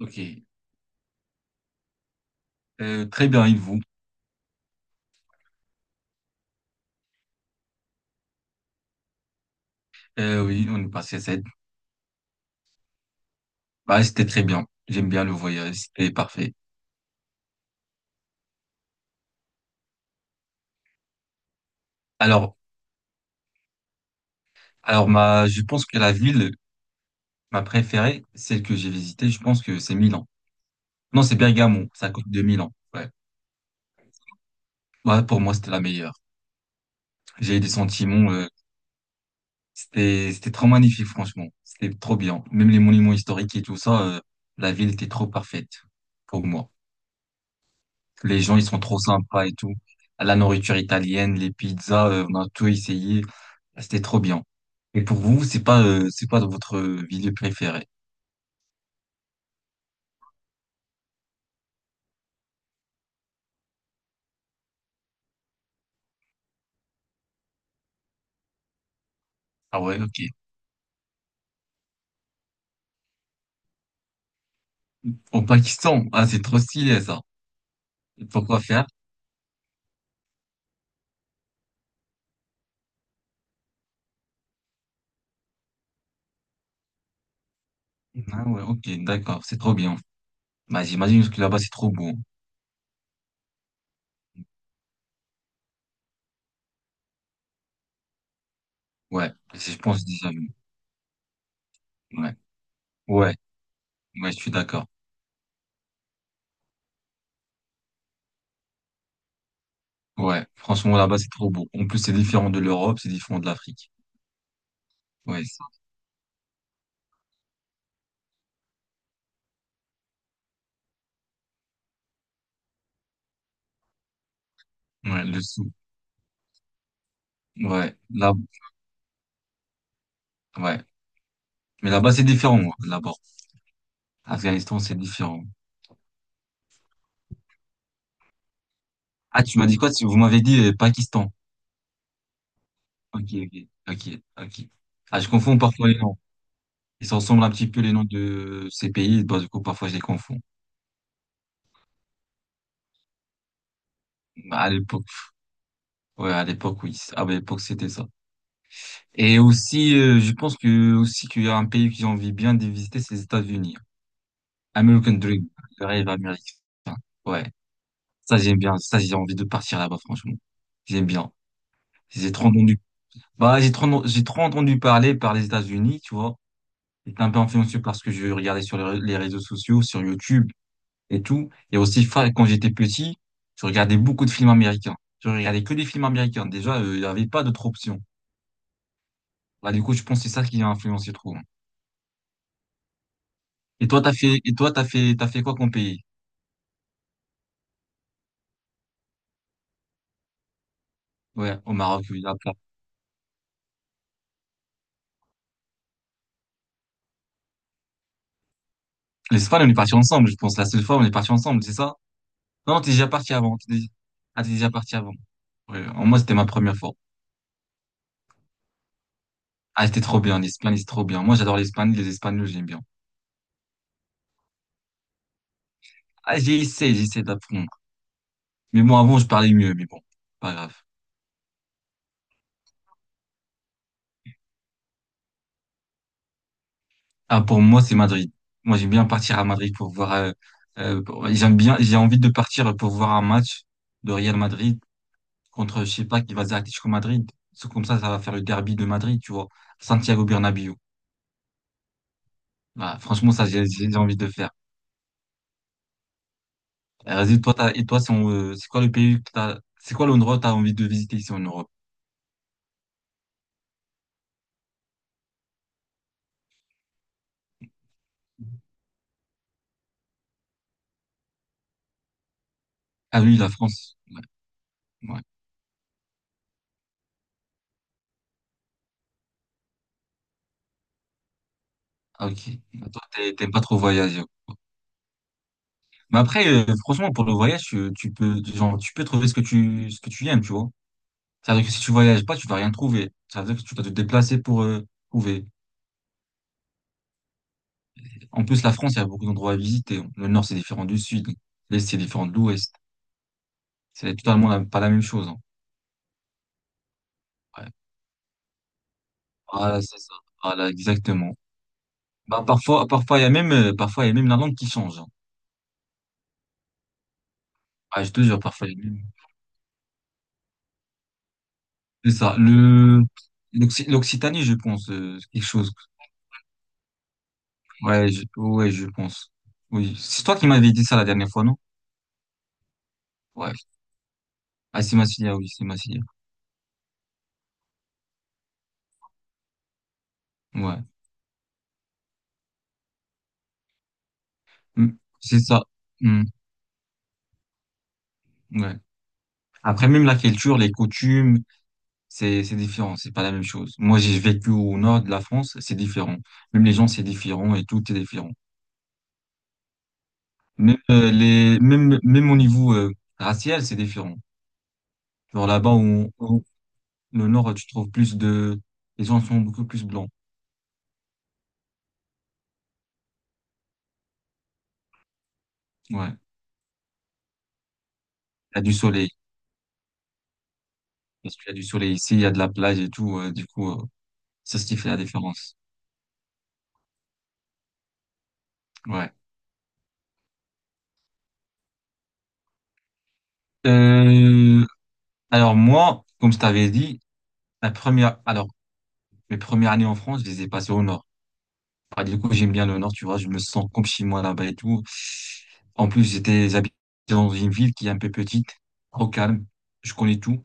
Ok. Très bien, et vous? Oui, on est passé à cette. Bah, c'était très bien. J'aime bien le voyage, c'était parfait. Alors, alors, je pense que la ville, ma préférée, celle que j'ai visitée, je pense que c'est Milan. Non, c'est Bergamo, c'est à côté de Milan. Ouais. Ouais, pour moi, c'était la meilleure. J'ai eu des sentiments, c'était trop magnifique, franchement. C'était trop bien. Même les monuments historiques et tout ça, la ville était trop parfaite pour moi. Les gens, ils sont trop sympas et tout. La nourriture italienne, les pizzas, on a tout essayé. C'était trop bien. Et pour vous, c'est pas votre ville préférée? Ah ouais, ok. Au Pakistan, ah, c'est trop stylé ça. Et pourquoi faire? Ah ouais, ok, d'accord, c'est trop bien. Bah, j'imagine que là-bas, c'est trop beau. Ouais, je pense déjà vu. Ouais, ouais, ouais, je suis d'accord. Ouais, franchement, là-bas, c'est trop beau. En plus, c'est différent de l'Europe, c'est différent de l'Afrique. Ouais, ça. Ouais, le sou. Ouais, là, ouais. Mais là-bas, c'est différent, moi, là-bas. Afghanistan, c'est différent. Ah, tu m'as dit quoi? Vous m'avez dit Pakistan. Ok, ok, ok, ok. Ah, je confonds parfois les noms. Ils se ressemblent un petit peu les noms de ces pays. Bah, du coup, parfois, je les confonds. Bah, à l'époque, ouais, à l'époque, oui. Ah, bah, à l'époque, c'était ça. Et aussi, je pense que aussi qu'il y a un pays que j'ai envie bien de visiter, c'est les États-Unis. American Dream, le rêve américain. Ouais, ça, j'aime bien. Ça, j'ai envie de partir là-bas, franchement. J'aime bien. J'ai trop entendu. Bah, j'ai trop entendu parler par les États-Unis, tu vois. J'étais un peu influencé par ce que je regardais sur les réseaux sociaux, sur YouTube et tout. Et aussi, quand j'étais petit, je regardais beaucoup de films américains. Je regardais que des films américains. Déjà, il n'y avait pas d'autres options. Bah, du coup, je pense que c'est ça qui a influencé trop, hein. Et toi, t'as fait quoi comme pays? Ouais, au Maroc, oui, après. L'Espagne, on est parti ensemble, je pense. La seule fois, on est parti ensemble, c'est ça? Non, t'es déjà parti avant. Ah, t'es déjà parti avant. Ouais, en moi, c'était ma première fois. Ah, c'était trop bien. L'Espagne, c'est trop bien. Moi, j'adore l'Espagne. Les Espagnols, j'aime bien. Ah, j'ai essayé d'apprendre. Mais bon, avant, je parlais mieux, mais bon, pas grave. Ah, pour moi, c'est Madrid. Moi, j'aime bien partir à Madrid pour voir, j'aime bien, j'ai envie de partir pour voir un match de Real Madrid contre, je sais pas, qui va dire Atlético Madrid. C'est comme ça va faire le derby de Madrid, tu vois. Santiago Bernabéu. Voilà, franchement, ça, j'ai envie de faire. Vas-y, toi, et toi, c'est quoi le pays que t'as, c'est quoi l'endroit que t'as envie de visiter ici en Europe? Ah oui, la France. Ouais, ouais. Ah, ok. Bah, toi, t'aimes pas trop voyager. Mais après, franchement, pour le voyage, tu peux, genre, tu peux trouver ce que ce que tu aimes, tu vois. C'est-à-dire que si tu voyages pas, tu vas rien trouver. C'est à dire que tu dois te déplacer pour trouver. En plus, la France, il y a beaucoup d'endroits à visiter. Le nord, c'est différent du sud. L'est, c'est différent de l'ouest. C'est totalement pas la même chose, hein. Ouais. Voilà, c'est ça. Voilà, exactement. Bah, parfois, il y a même, parfois, il y a même la langue qui change, hein. Ah, je te jure, parfois, il y a même- C'est ça. L'Occitanie, je pense, quelque chose. Ouais, ouais, je pense. Oui. C'est toi qui m'avais dit ça la dernière fois, non? Ouais. Ah, c'est ma fille, ah oui, c'est ma fille. Ouais. Hmm. C'est ça. Hmm, ouais. Après, même la culture, les coutumes, c'est différent. C'est pas la même chose. Moi, j'ai vécu au nord de la France, c'est différent. Même les gens, c'est différent et tout est différent. Même, au niveau, racial, c'est différent. Genre là-bas, où le nord, tu trouves les gens sont beaucoup plus blancs. Ouais. Il y a du soleil. Parce qu'il y a du soleil ici, il y a de la plage et tout, du coup, c'est ce qui fait la différence. Ouais. Euh, alors moi, comme je t'avais dit, la première, alors mes premières années en France, je les ai passées au nord. Ah, du coup, j'aime bien le nord, tu vois, je me sens comme chez moi là-bas et tout. En plus, j'étais habité dans une ville qui est un peu petite, au calme. Je connais tout.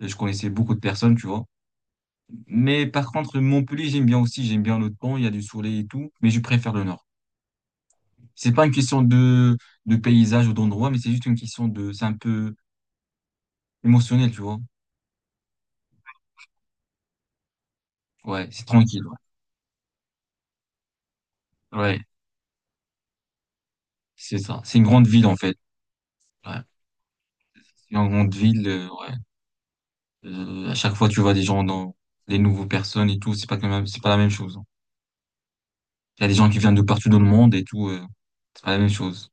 Je connaissais beaucoup de personnes, tu vois. Mais par contre, Montpellier, j'aime bien aussi. J'aime bien le temps, il y a du soleil et tout. Mais je préfère le nord. C'est pas une question de paysage ou d'endroit, mais c'est juste une question c'est un peu émotionnel, tu vois. Ouais, c'est tranquille. Ouais, ouais, c'est ça. C'est une grande ville en fait. Ouais, c'est une grande ville, ouais. À chaque fois, tu vois des gens dans des nouvelles personnes et tout. C'est pas quand même, c'est pas la même chose, hein. Il y a des gens qui viennent de partout dans le monde et tout, c'est pas la même chose.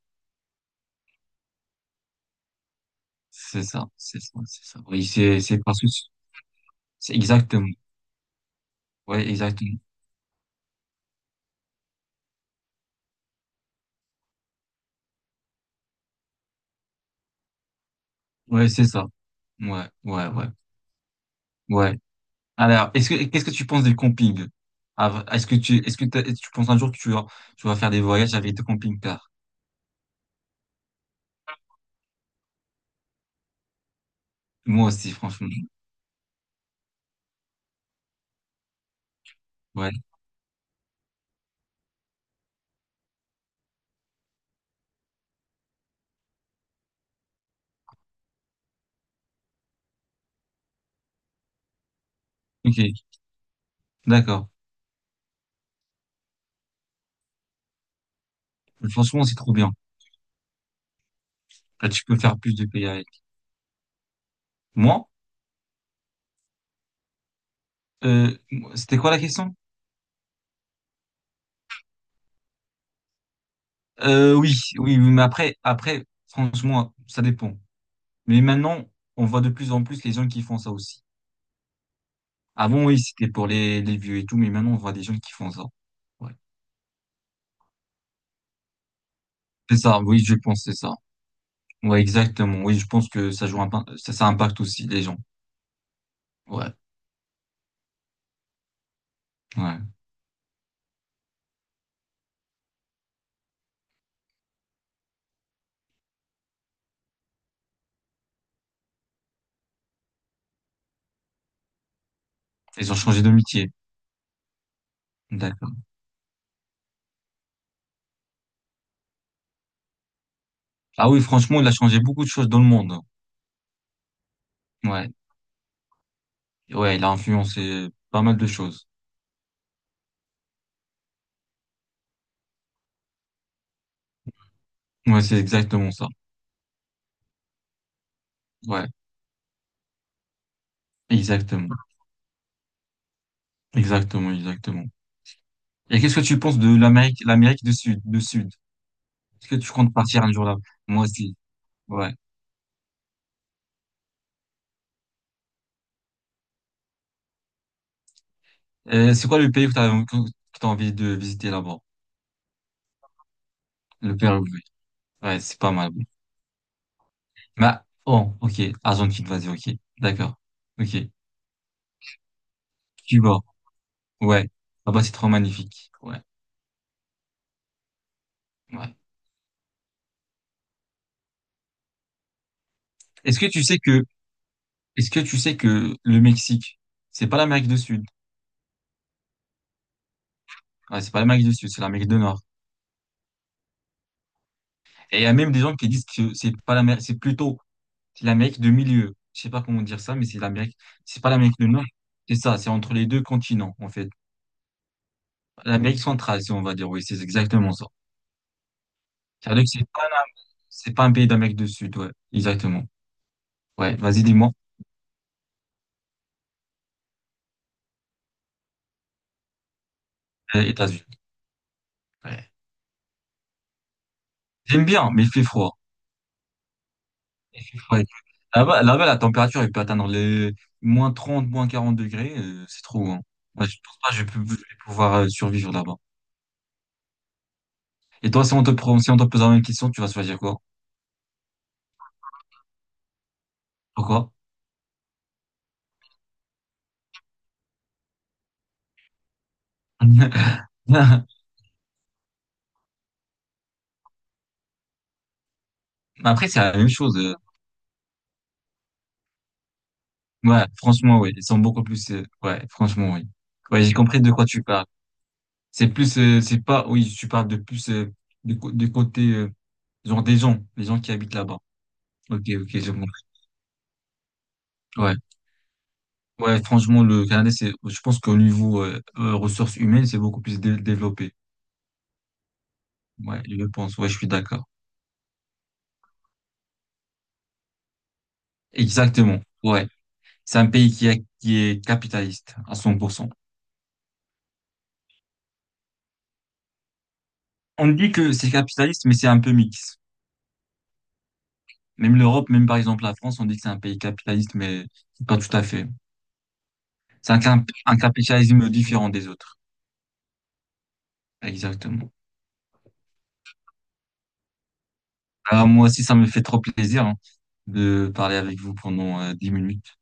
C'est ça, c'est ça, c'est ça. Oui, c'est parce que c'est exactement. Ouais, exactement. Ouais, c'est ça. Ouais, ouais, ouais, ouais. Alors, est-ce que qu'est-ce que tu penses des campings? Ah, est-ce que tu penses un jour que tu vas faire des voyages avec des camping-cars? Moi aussi, franchement. Ouais. Ok. D'accord. Franchement, c'est trop bien. Là, tu peux faire plus de pays avec. Moi, euh, c'était quoi la question? Oui, oui, oui, mais après, franchement, ça dépend. Mais maintenant, on voit de plus en plus les gens qui font ça aussi. Avant, oui, c'était pour les vieux et tout, mais maintenant, on voit des gens qui font ça. Ouais. C'est ça, oui, je pense, c'est ça. Ouais, exactement. Oui, je pense que ça joue ça impacte aussi les gens. Ouais, ouais. Ils ont changé de métier. D'accord. Ah oui, franchement, il a changé beaucoup de choses dans le monde. Ouais, ouais, il a influencé pas mal de choses. Ouais, c'est exactement ça. Ouais, exactement. Exactement, exactement. Et qu'est-ce que tu penses de l'Amérique, l'Amérique du Sud, du Sud? Est-ce que tu comptes partir un jour là? Moi aussi. Ouais. C'est quoi le pays que t'as envie de visiter là-bas? Le Pérou, oui. Ouais, c'est pas mal. Bah, oh, ok. Argentine, vas-y, ok. D'accord. Ok. Cuba. Ouais. Là-bas, c'est trop magnifique. Ouais. Ouais. Est-ce que tu sais que, est-ce que tu sais que le Mexique, c'est pas l'Amérique du Sud? Ouais, c'est pas l'Amérique du Sud, c'est l'Amérique du Nord. Et il y a même des gens qui disent que c'est pas l'Amérique, c'est plutôt c'est l'Amérique de milieu. Je sais pas comment dire ça, mais c'est l'Amérique, c'est pas l'Amérique du Nord. C'est ça, c'est entre les deux continents, en fait. L'Amérique centrale, si on va dire, oui, c'est exactement ça. C'est-à-dire que c'est pas un pays d'Amérique du Sud, ouais, exactement. Ouais, vas-y, dis-moi. États-Unis. Ouais. J'aime bien, mais il fait froid. Il fait froid. Là-bas, là-bas, la température, elle peut atteindre les moins 30 moins 40 degrés, c'est trop, hein. Ouais, je pense pas que je peux, je vais pouvoir survivre là-bas. Et toi, si on te pose la même question, tu vas choisir quoi? Pourquoi? Mais après, c'est la même chose. Ouais, franchement, oui. Ils sont beaucoup plus. Ouais, franchement, oui. Ouais, j'ai compris de quoi tu parles. C'est plus, c'est pas, oui, tu parles de plus du côté, genre les gens qui habitent là-bas. Ok, ok, j'ai compris. Ouais. Ouais, franchement, le Canada, je pense qu'au niveau ressources humaines, c'est beaucoup plus développé. Ouais, je pense. Ouais, je suis d'accord. Exactement. Ouais. C'est un pays qui est capitaliste à 100%. On dit que c'est capitaliste, mais c'est un peu mix. Même l'Europe, même par exemple la France, on dit que c'est un pays capitaliste, mais pas tout à fait. C'est un capitalisme différent des autres. Exactement. Alors moi aussi, ça me fait trop plaisir hein, de parler avec vous pendant 10 minutes.